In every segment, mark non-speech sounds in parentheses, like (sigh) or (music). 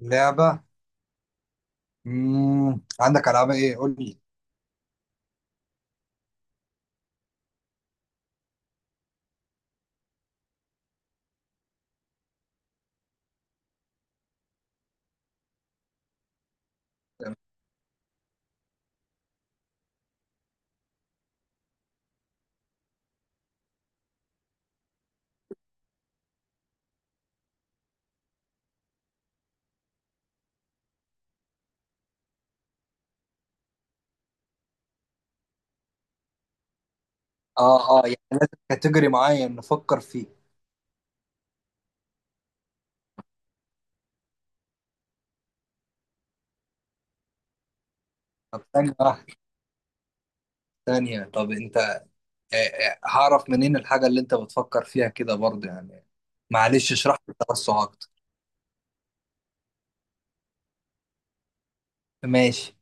لعبة. مم. عندك ألعاب إيه؟ قول لي. آه، آه، يعني لازم كاتيجوري معين نفكر فيه. طب، ثانية واحدة. ثانية، طب أنت هعرف منين الحاجة اللي أنت بتفكر فيها كده برضه يعني. معلش اشرح لي التوسع أكتر. ماشي.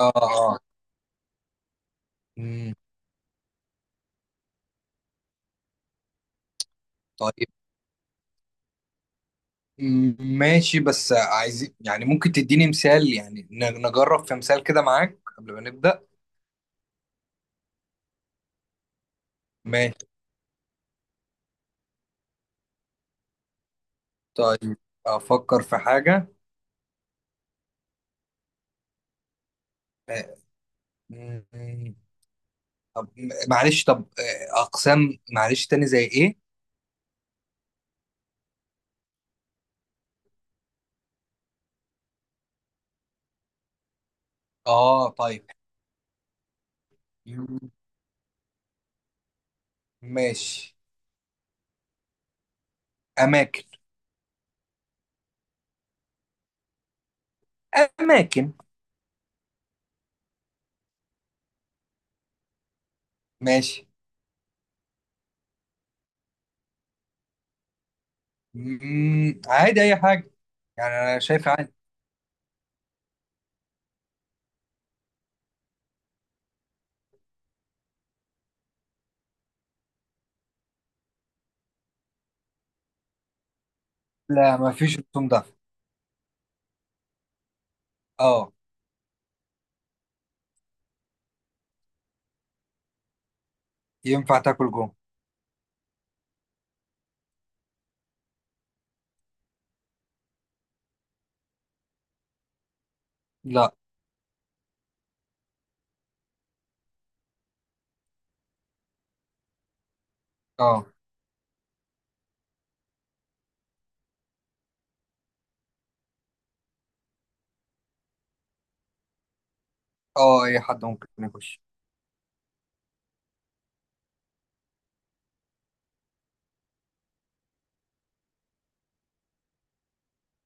آه آه. مم. طيب. ماشي بس عايزين، يعني ممكن تديني مثال؟ يعني نجرب في مثال كده معاك قبل ما نبدأ. ماشي. طيب. أفكر في حاجة. آه، مم. طب معلش طب، اقسام معلش تاني زي ايه؟ اه، طيب. ماشي. اماكن. اماكن. ماشي. عادي اي حاجه. يعني انا شايف عادي. لا، ما فيش رسوم ده. اه. ينفع تاكل جوه. لا. اه. اه، اي حد ممكن يخش.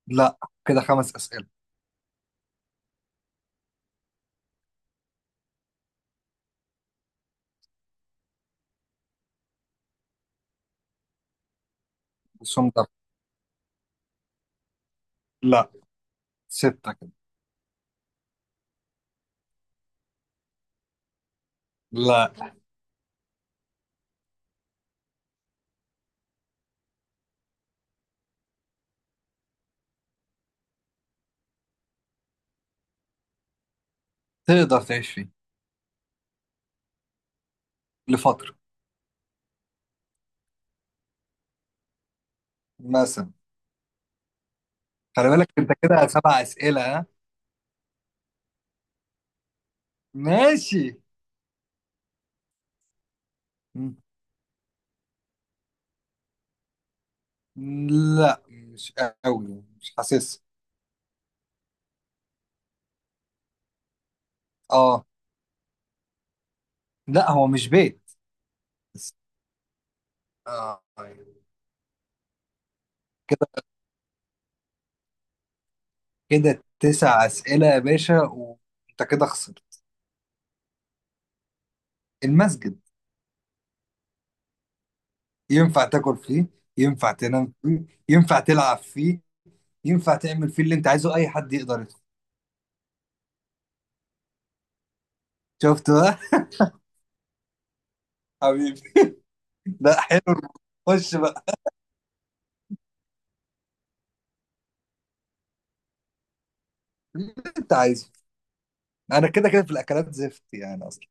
لا. كده 5 اسئله. رسوم ده. لا. 6 كده. لا. تقدر تعيش فيه. لفتره. مثلا. خلي بالك انت كده 7 اسئله، ها؟ ماشي. لا، مش قوي، مش حاسس. اه. لا، هو مش بيت. بس. اه، أيوة. كده كده 9 أسئلة يا باشا، وانت كده خسرت. المسجد. ينفع تاكل فيه. ينفع تنام فيه، ينفع تلعب فيه. ينفع تعمل فيه اللي انت عايزه، اي حد يقدر يدخل. شفت بقى؟ (laughs) حبيبي. لا، حلو. خش بقى. اللي انت عايزه. انا كده كده في الاكلات زفت يعني اصلا.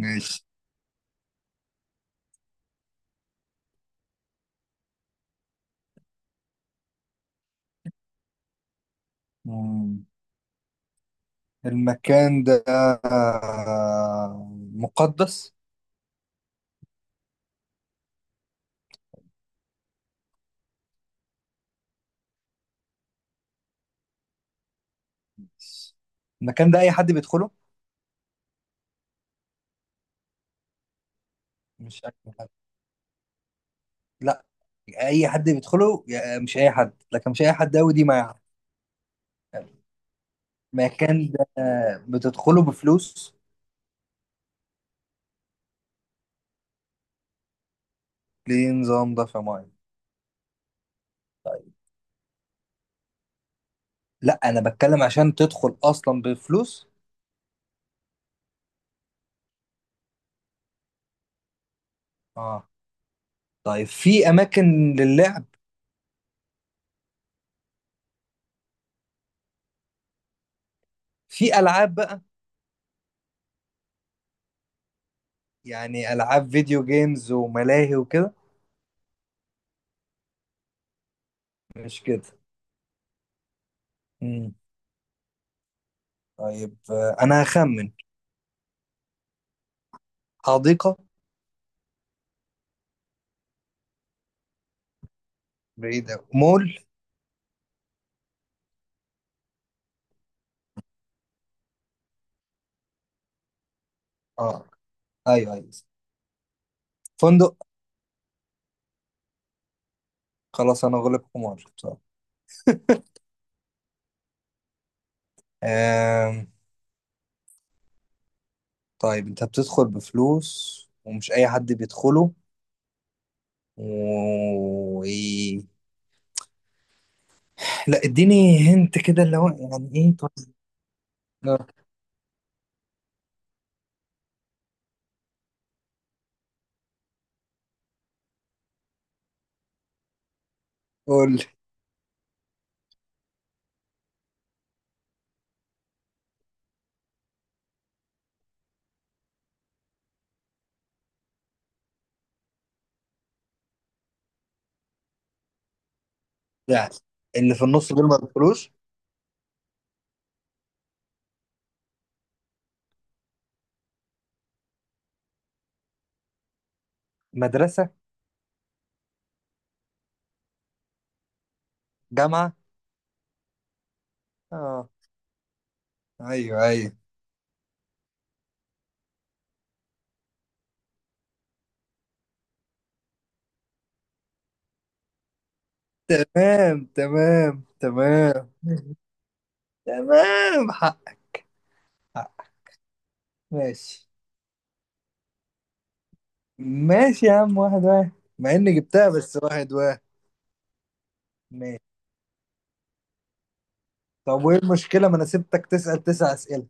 ماشي. مم. المكان ده مقدس؟ المكان ده اي حد بيدخله؟ مش اي حد. لا. اي حد بيدخله مش اي حد، لكن مش اي حد قوي دي مع. مكان ده بتدخله بفلوس؟ ليه نظام ده في معين. طيب. لا، انا بتكلم عشان تدخل اصلا بفلوس. اه. طيب، في اماكن للعب؟ في العاب بقى؟ يعني العاب فيديو جيمز وملاهي وكده. مش كده. امم طيب، انا هخمن. حديقة. بعيدة، مول. اه، ايوه ايوه، فندق. خلاص، انا غلبكم وارد بصراحة. آم، طيب، انت بتدخل بفلوس، ومش اي حد بيدخله. و... (laughs) لا، اديني هنت كده اللي هو يعني ايه، طب. لا. قول لي. يعني اللي في النص دول ما بيدخلوش. مدرسة؟ جامعة؟ اه، ايوه ايوه. تمام تمام تمام. تمام، حق. حق. ماشي. ماشي يا عم، واحد واحد. مع اني جبتها، بس واحد واحد. ماشي. طب، وايه المشكلة؟ ما انا سبتك تسأل 9 اسئلة.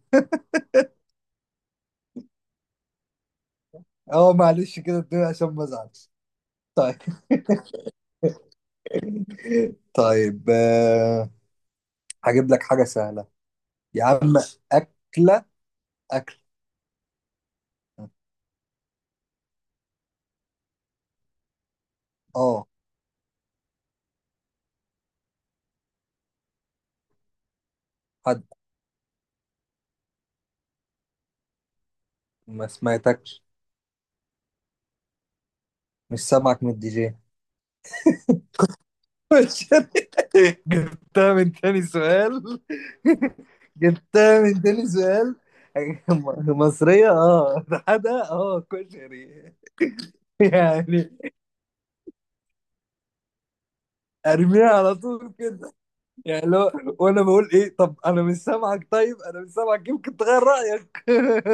اه معلش، كده الدنيا عشان ما ازعلش. طيب. طيب، هجيب لك حاجة سهلة. يا عم. أكلة. أكل. اه. حد. ما سمعتكش. مش سامعك من الدي جي. (laughs) جبتها من تاني سؤال. (laughs) جبتها من تاني سؤال. (laughs) مصرية، اه ده حدا، اه كشري. (laughs) يعني. ارميها على طول كده؟ يعني لو. وانا بقول ايه؟ طب انا مش سامعك، طيب انا مش سامعك، يمكن تغير رايك.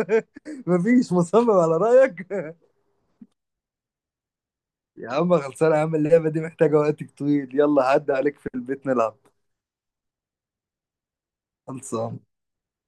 (laughs) مفيش، مصمم على رايك. (laughs) يا عم خلصانه، يا عم اللعبه دي محتاجه وقت طويل، يلا عدى عليك في البيت نلعب. خلصان.